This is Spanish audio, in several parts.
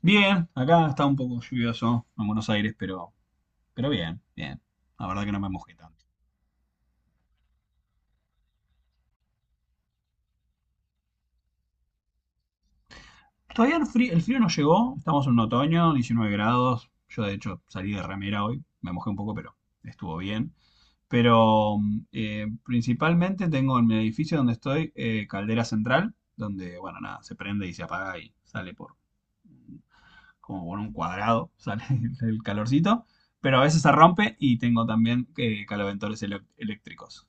Bien, acá está un poco lluvioso en Buenos Aires, pero bien, bien. La verdad que no me mojé tanto. Todavía el frío no llegó, estamos en un otoño, 19 grados. Yo de hecho salí de remera hoy, me mojé un poco, pero estuvo bien. Pero principalmente tengo en mi edificio donde estoy caldera central, donde, bueno, nada, se prende y se apaga y sale por como por un cuadrado, sale el calorcito, pero a veces se rompe y tengo también eléctricos.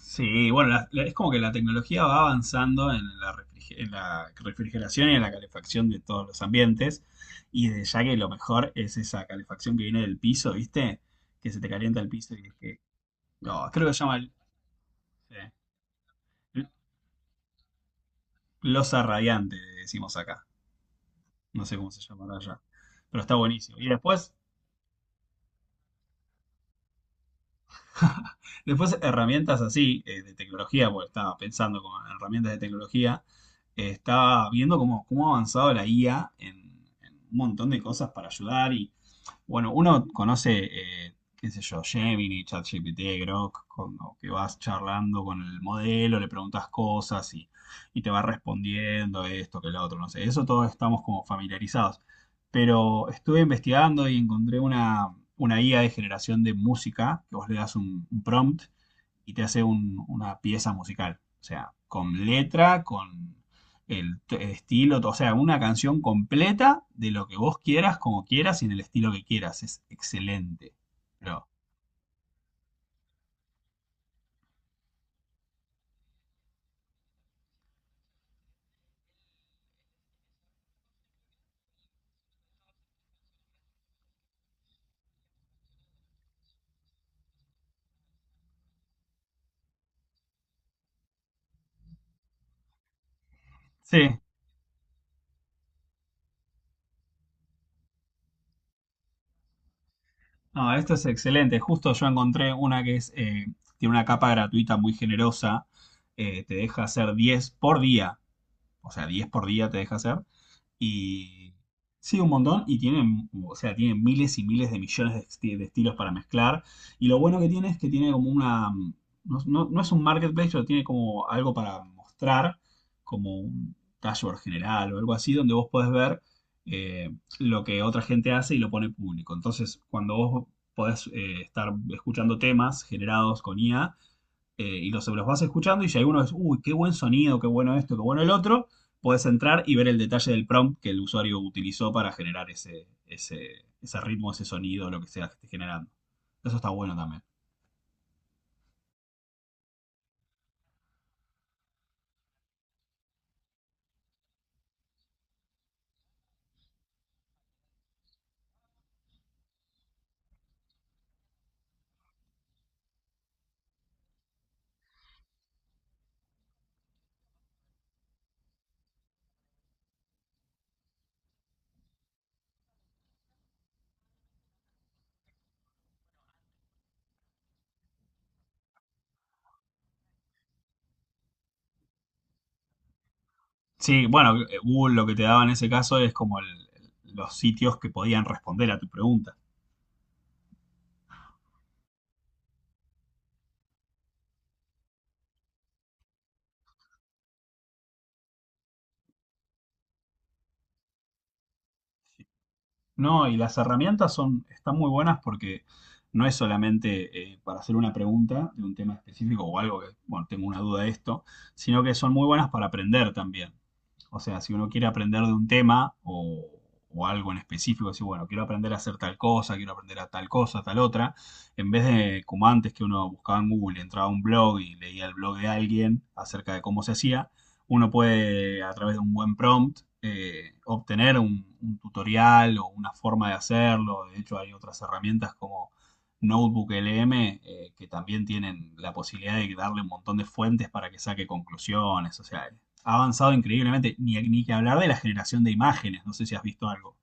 Sí, bueno, es como que la tecnología va avanzando en la, en la refrigeración y en la calefacción de todos los ambientes. Y de ya que lo mejor es esa calefacción que viene del piso, ¿viste? Que se te calienta el piso y es que. No, creo que se llama eh, losa radiante, decimos acá. No sé cómo se llamará allá. Pero está buenísimo. Después, herramientas así, de tecnología, porque estaba pensando con herramientas de tecnología, estaba viendo cómo, cómo ha avanzado la IA en un montón de cosas para ayudar. Y bueno, uno conoce, qué sé yo, Gemini, ChatGPT, Grok, cuando que vas charlando con el modelo, le preguntas cosas y te va respondiendo esto, que lo otro, no sé. Eso todos estamos como familiarizados. Pero estuve investigando y encontré una IA de generación de música, que vos le das un prompt y te hace una pieza musical. O sea, con letra, con el estilo, o sea, una canción completa de lo que vos quieras, como quieras y en el estilo que quieras. Es excelente. Pero, sí, no, esto es excelente. Justo yo encontré una que es, tiene una capa gratuita muy generosa. Eh, te deja hacer 10 por día. O sea, 10 por día te deja hacer. Y sí, un montón. Y tienen, o sea, tienen miles y miles de millones de, de estilos para mezclar. Y lo bueno que tiene es que tiene como una... No, no es un marketplace, pero tiene como algo para mostrar, como un dashboard general o algo así, donde vos podés ver eh, lo que otra gente hace y lo pone público. Entonces, cuando vos podés estar escuchando temas generados con IA, y los vas escuchando y si alguno es, uy, qué buen sonido, qué bueno esto, qué bueno el otro, puedes entrar y ver el detalle del prompt que el usuario utilizó para generar ese ritmo, ese sonido, lo que sea que esté generando. Eso está bueno también. Sí, bueno, Google lo que te daba en ese caso es como los sitios que podían responder a tu pregunta. No, y las herramientas son, están muy buenas porque no es solamente para hacer una pregunta de un tema específico o algo que, bueno, tengo una duda de esto, sino que son muy buenas para aprender también. O sea, si uno quiere aprender de un tema o algo en específico, decir, bueno, quiero aprender a hacer tal cosa, quiero aprender a tal cosa, tal otra, en vez de como antes que uno buscaba en Google, entraba a un blog y leía el blog de alguien acerca de cómo se hacía, uno puede, a través de un buen prompt, obtener un tutorial o una forma de hacerlo. De hecho, hay otras herramientas como Notebook LM que también tienen la posibilidad de darle un montón de fuentes para que saque conclusiones. O sea, ha avanzado increíblemente. Ni que hablar de la generación de imágenes. No sé si has visto algo.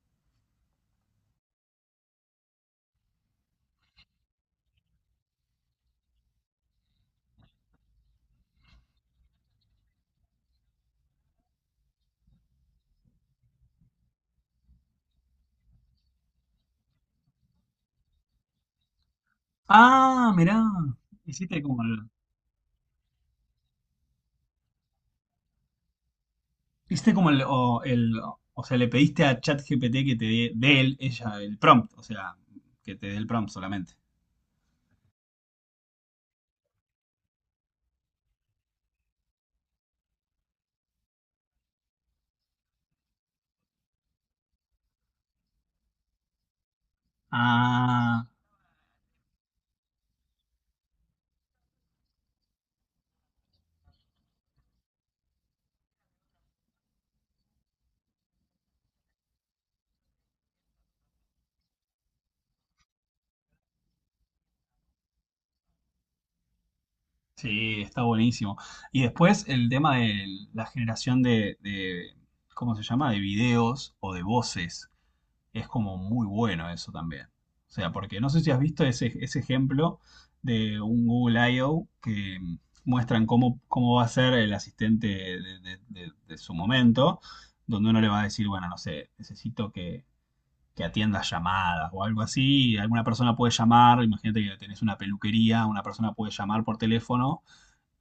Ah, mirá. Hiciste como el. Hiciste como el. O, o sea, le pediste a ChatGPT que te dé, dé él, ella, el prompt. O sea, que te dé el prompt solamente. Ah, sí, está buenísimo. Y después el tema de la generación de, ¿cómo se llama? De videos o de voces. Es como muy bueno eso también. O sea, porque no sé si has visto ese ejemplo de un Google I/O que muestran cómo, cómo va a ser el asistente de, de su momento, donde uno le va a decir, bueno, no sé, necesito que atiendas llamadas o algo así. Alguna persona puede llamar, imagínate que tenés una peluquería, una persona puede llamar por teléfono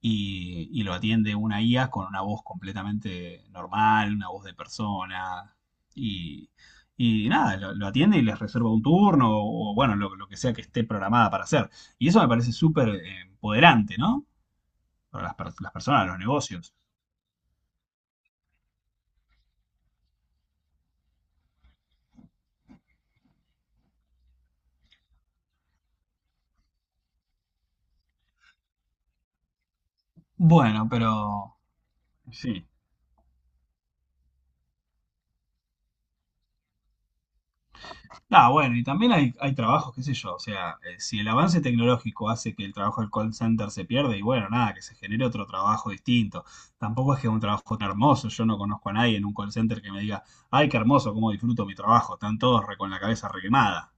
y lo atiende una IA con una voz completamente normal, una voz de persona. Y, y nada, lo atiende y les reserva un turno o bueno, lo que sea que esté programada para hacer. Y eso me parece súper empoderante, ¿no? Para las, las personas, los negocios. Bueno, pero sí. Ah, bueno, y también hay trabajos, qué sé yo, o sea, si el avance tecnológico hace que el trabajo del call center se pierde, y bueno, nada, que se genere otro trabajo distinto. Tampoco es que es un trabajo tan hermoso, yo no conozco a nadie en un call center que me diga, ay, qué hermoso, cómo disfruto mi trabajo, están todos con la cabeza requemada.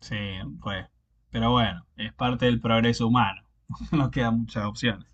Sí, pues, pero bueno, es parte del progreso humano, no quedan muchas opciones.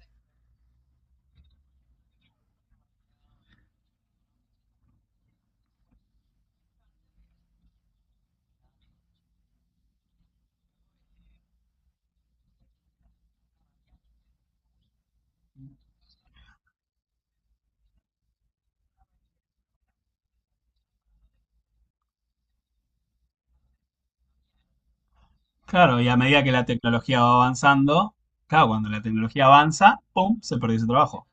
Claro, y a medida que la tecnología va avanzando, claro, cuando la tecnología avanza, ¡pum!, se perdió ese trabajo.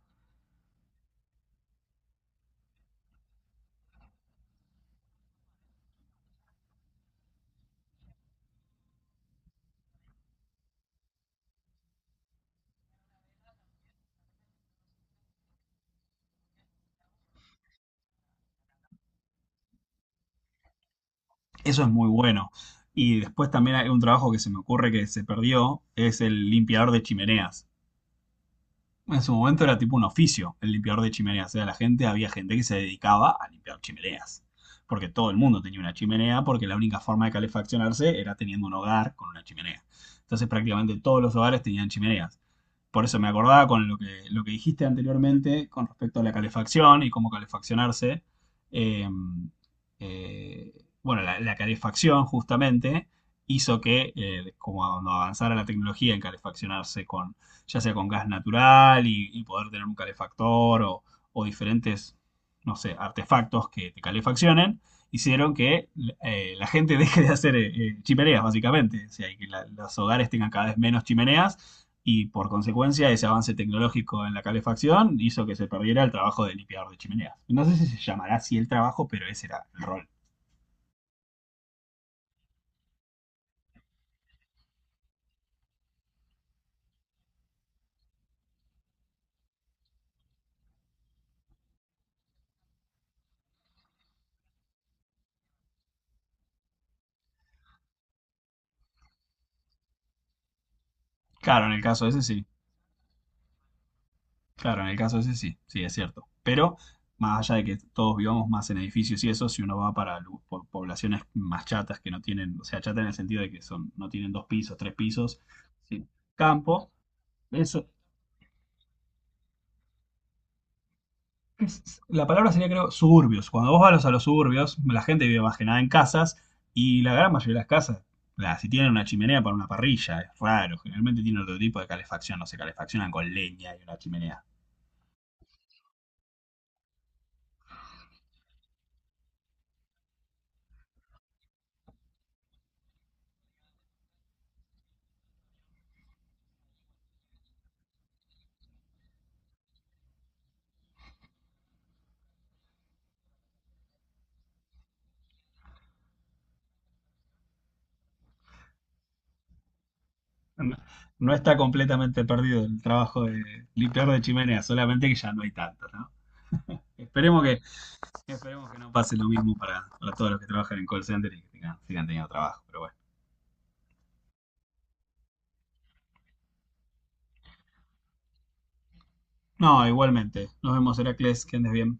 Eso es muy bueno. Y después también hay un trabajo que se me ocurre que se perdió, es el limpiador de chimeneas. En su momento era tipo un oficio, el limpiador de chimeneas. O sea, la gente, había gente que se dedicaba a limpiar chimeneas. Porque todo el mundo tenía una chimenea, porque la única forma de calefaccionarse era teniendo un hogar con una chimenea. Entonces prácticamente todos los hogares tenían chimeneas. Por eso me acordaba con lo que dijiste anteriormente con respecto a la calefacción y cómo calefaccionarse. Eh, eh, bueno, la calefacción justamente hizo que, como cuando avanzara la tecnología en calefaccionarse con, ya sea con gas natural y poder tener un calefactor o, diferentes, no sé, artefactos que te calefaccionen, hicieron que la gente deje de hacer chimeneas, básicamente. O sea, que la, los hogares tengan cada vez menos chimeneas y por consecuencia ese avance tecnológico en la calefacción hizo que se perdiera el trabajo de limpiador de chimeneas. No sé si se llamará así el trabajo, pero ese era el rol. Claro, en el caso ese sí. Claro, en el caso ese sí. Sí, es cierto. Pero más allá de que todos vivamos más en edificios y eso, si uno va para poblaciones más chatas que no tienen, o sea, chata en el sentido de que son, no tienen dos pisos, tres pisos, sí, campo, eso, la palabra sería, creo, suburbios. Cuando vos vas a los suburbios, la gente vive más que nada en casas y la gran mayoría de las casas, si tienen una chimenea para una parrilla, es raro. Generalmente tienen otro tipo de calefacción, no se calefaccionan con leña y una chimenea. No, no está completamente perdido el trabajo de limpiar de chimenea, solamente que ya no hay tanto, ¿no? Esperemos que, esperemos que no pase lo mismo para todos los que trabajan en call center y que sigan teniendo trabajo, pero bueno. No, igualmente. Nos vemos, Heracles, que andes bien.